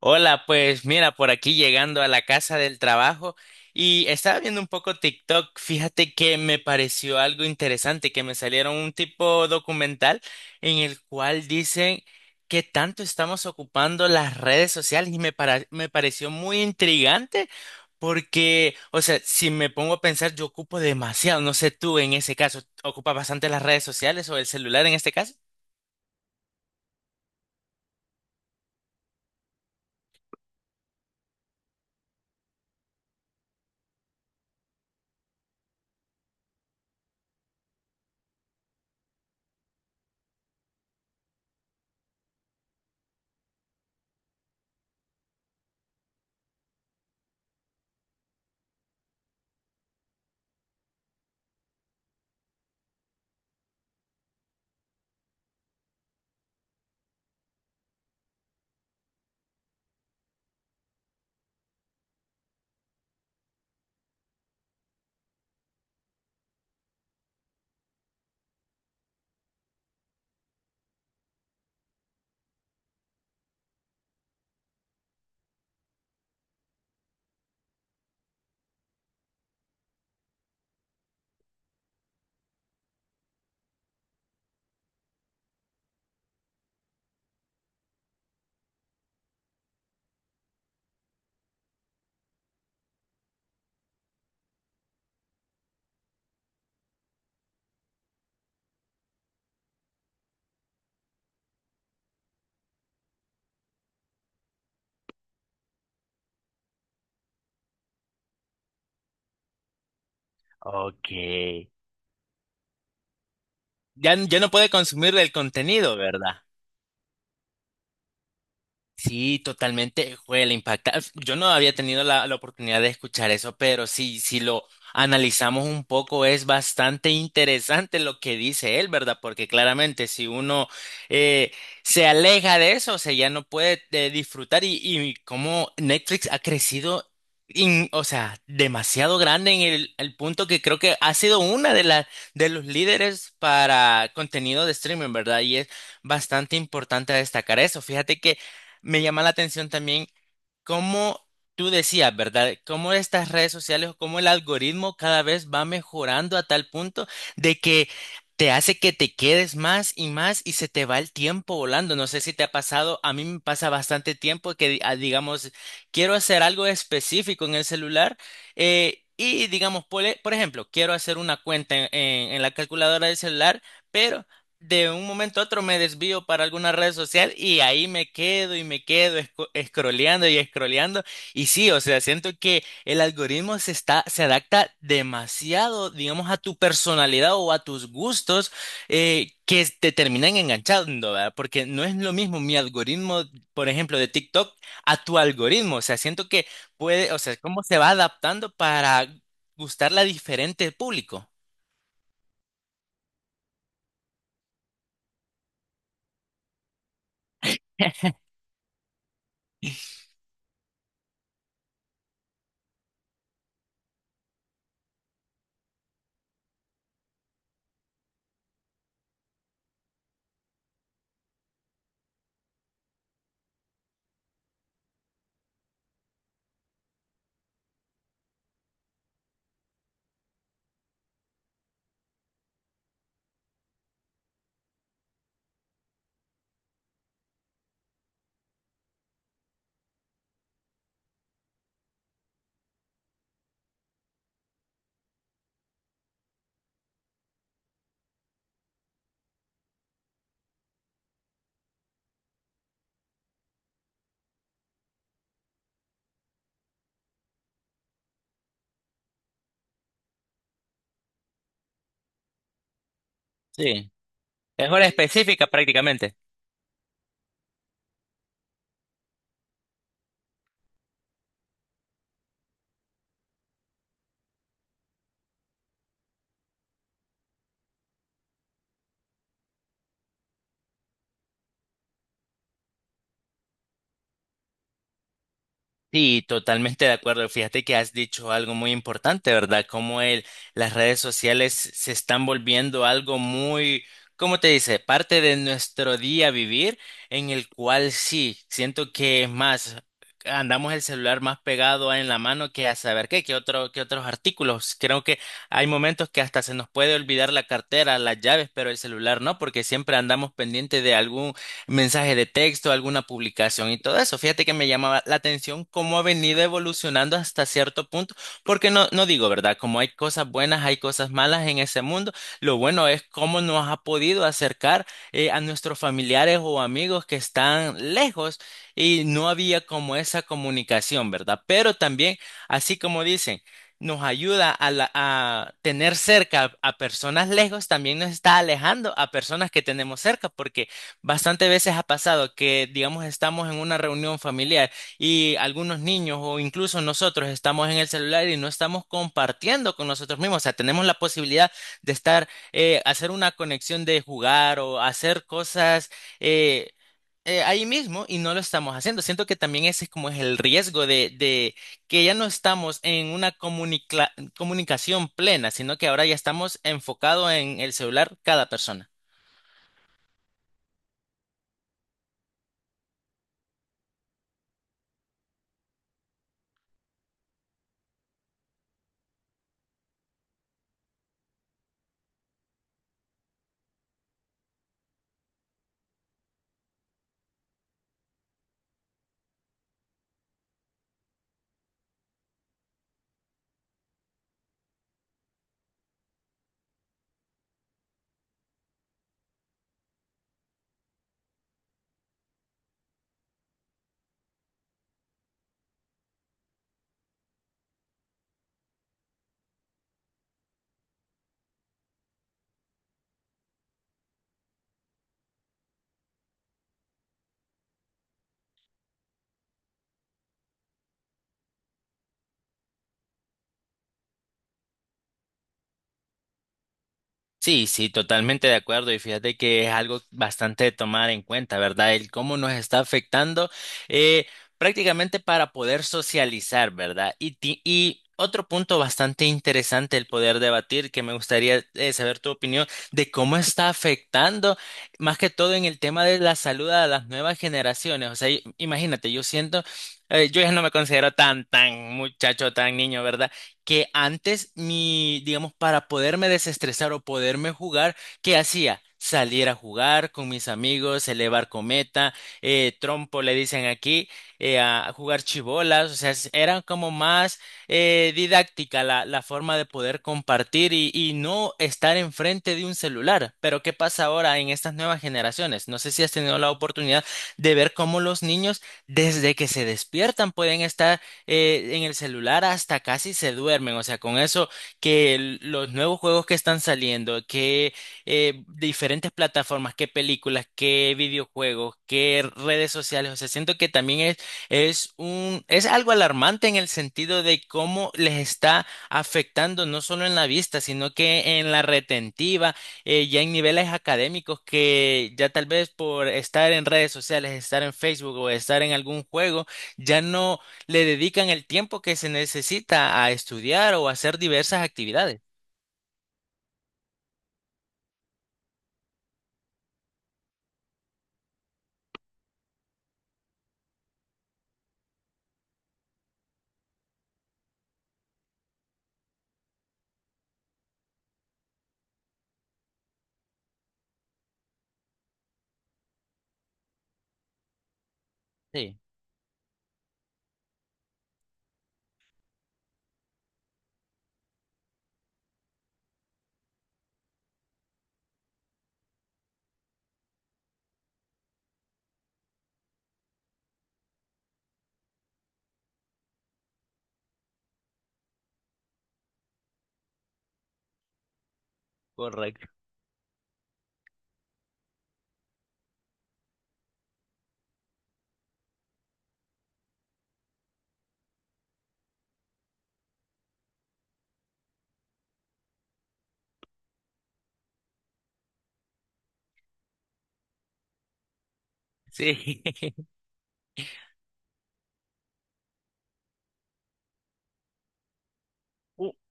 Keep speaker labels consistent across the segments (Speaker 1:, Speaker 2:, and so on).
Speaker 1: Hola, pues mira, por aquí llegando a la casa del trabajo y estaba viendo un poco TikTok. Fíjate que me pareció algo interesante, que me salieron un tipo documental en el cual dicen qué tanto estamos ocupando las redes sociales y me pareció muy intrigante porque, o sea, si me pongo a pensar, yo ocupo demasiado. No sé tú en ese caso, ¿ocupas bastante las redes sociales o el celular en este caso? Ok. Ya, ya no puede consumir el contenido, ¿verdad? Sí, totalmente, fue la impacta. Yo no había tenido la oportunidad de escuchar eso, pero sí, si lo analizamos un poco, es bastante interesante lo que dice él, ¿verdad? Porque claramente si uno eh, se aleja de eso, o sea, ya no puede disfrutar y cómo Netflix ha crecido, o sea, demasiado grande en el punto que creo que ha sido una de las de los líderes para contenido de streaming, ¿verdad? Y es bastante importante destacar eso. Fíjate que me llama la atención también cómo tú decías, ¿verdad? Cómo estas redes sociales o cómo el algoritmo cada vez va mejorando a tal punto de que te hace que te quedes más y más y se te va el tiempo volando. No sé si te ha pasado, a mí me pasa bastante tiempo que, digamos, quiero hacer algo específico en el celular y, digamos, por ejemplo, quiero hacer una cuenta en en la calculadora del celular. Pero de un momento a otro me desvío para alguna red social y ahí me quedo y me quedo scrolleando y scrolleando. Y sí, o sea, siento que el algoritmo se adapta demasiado, digamos, a tu personalidad o a tus gustos que te terminan enganchando, ¿verdad? Porque no es lo mismo mi algoritmo, por ejemplo, de TikTok a tu algoritmo. O sea, siento que puede, o sea, cómo se va adaptando para gustarle a diferente público. Sí, es hora específica prácticamente. Sí, totalmente de acuerdo. Fíjate que has dicho algo muy importante, ¿verdad? Como el, las redes sociales se están volviendo algo muy, ¿cómo te dice? Parte de nuestro día vivir, en el cual sí, siento que es más, andamos el celular más pegado en la mano que a saber qué, que otro, que otros artículos. Creo que hay momentos que hasta se nos puede olvidar la cartera, las llaves, pero el celular no, porque siempre andamos pendiente de algún mensaje de texto, alguna publicación y todo eso. Fíjate que me llamaba la atención cómo ha venido evolucionando hasta cierto punto, porque no, no digo, ¿verdad? Como hay cosas buenas, hay cosas malas en ese mundo, lo bueno es cómo nos ha podido acercar a nuestros familiares o amigos que están lejos y no había como esa comunicación, ¿verdad? Pero también, así como dicen, nos ayuda a tener cerca a personas lejos, también nos está alejando a personas que tenemos cerca, porque bastante veces ha pasado que, digamos, estamos en una reunión familiar y algunos niños o incluso nosotros estamos en el celular y no estamos compartiendo con nosotros mismos. O sea, tenemos la posibilidad de estar, hacer una conexión de jugar o hacer cosas eh, ahí mismo y no lo estamos haciendo. Siento que también ese es como es el riesgo de que ya no estamos en una comunicación plena, sino que ahora ya estamos enfocados en el celular cada persona. Sí, sí, totalmente de acuerdo. Y fíjate que es algo bastante de tomar en cuenta, ¿verdad? El cómo nos está afectando eh, prácticamente para poder socializar, ¿verdad? Y otro punto bastante interesante el poder debatir, que me gustaría saber tu opinión de cómo está afectando, más que todo en el tema de la salud a las nuevas generaciones. O sea, imagínate, yo siento, yo ya no me considero tan, tan muchacho, tan niño, ¿verdad? Que antes mi, digamos, para poderme desestresar o poderme jugar, ¿qué hacía? Salir a jugar con mis amigos, elevar cometa, trompo le dicen aquí, a jugar chibolas, o sea, era como más didáctica la, la forma de poder compartir y no estar enfrente de un celular. Pero ¿qué pasa ahora en estas nuevas generaciones? No sé si has tenido la oportunidad de ver cómo los niños desde que se despiertan pueden estar en el celular hasta casi se duermen. O sea, con eso que los nuevos juegos que están saliendo, que diferentes plataformas, que películas, que videojuegos, que redes sociales. O sea, siento que también es un, es algo alarmante en el sentido de cómo les está afectando no solo en la vista, sino que en la retentiva ya en niveles académicos que ya tal vez por estar en redes sociales, estar en Facebook o estar en algún juego, ya no le dedican el tiempo que se necesita a estudiar o a hacer diversas actividades. Sí, correcto. Sí.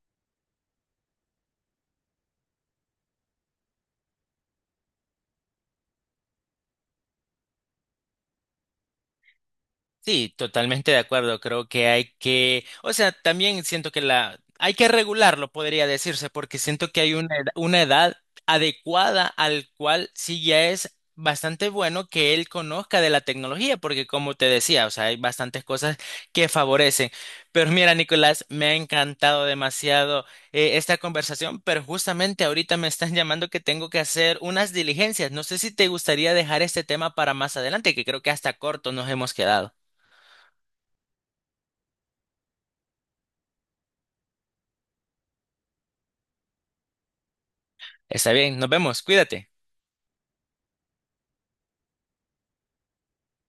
Speaker 1: Sí, totalmente de acuerdo. Creo que hay que, o sea, también siento que la hay que regularlo, podría decirse, porque siento que hay una edad adecuada al cual sí ya es bastante bueno que él conozca de la tecnología, porque como te decía, o sea, hay bastantes cosas que favorecen. Pero mira, Nicolás, me ha encantado demasiado esta conversación, pero justamente ahorita me están llamando que tengo que hacer unas diligencias. No sé si te gustaría dejar este tema para más adelante, que creo que hasta corto nos hemos quedado. Está bien, nos vemos, cuídate.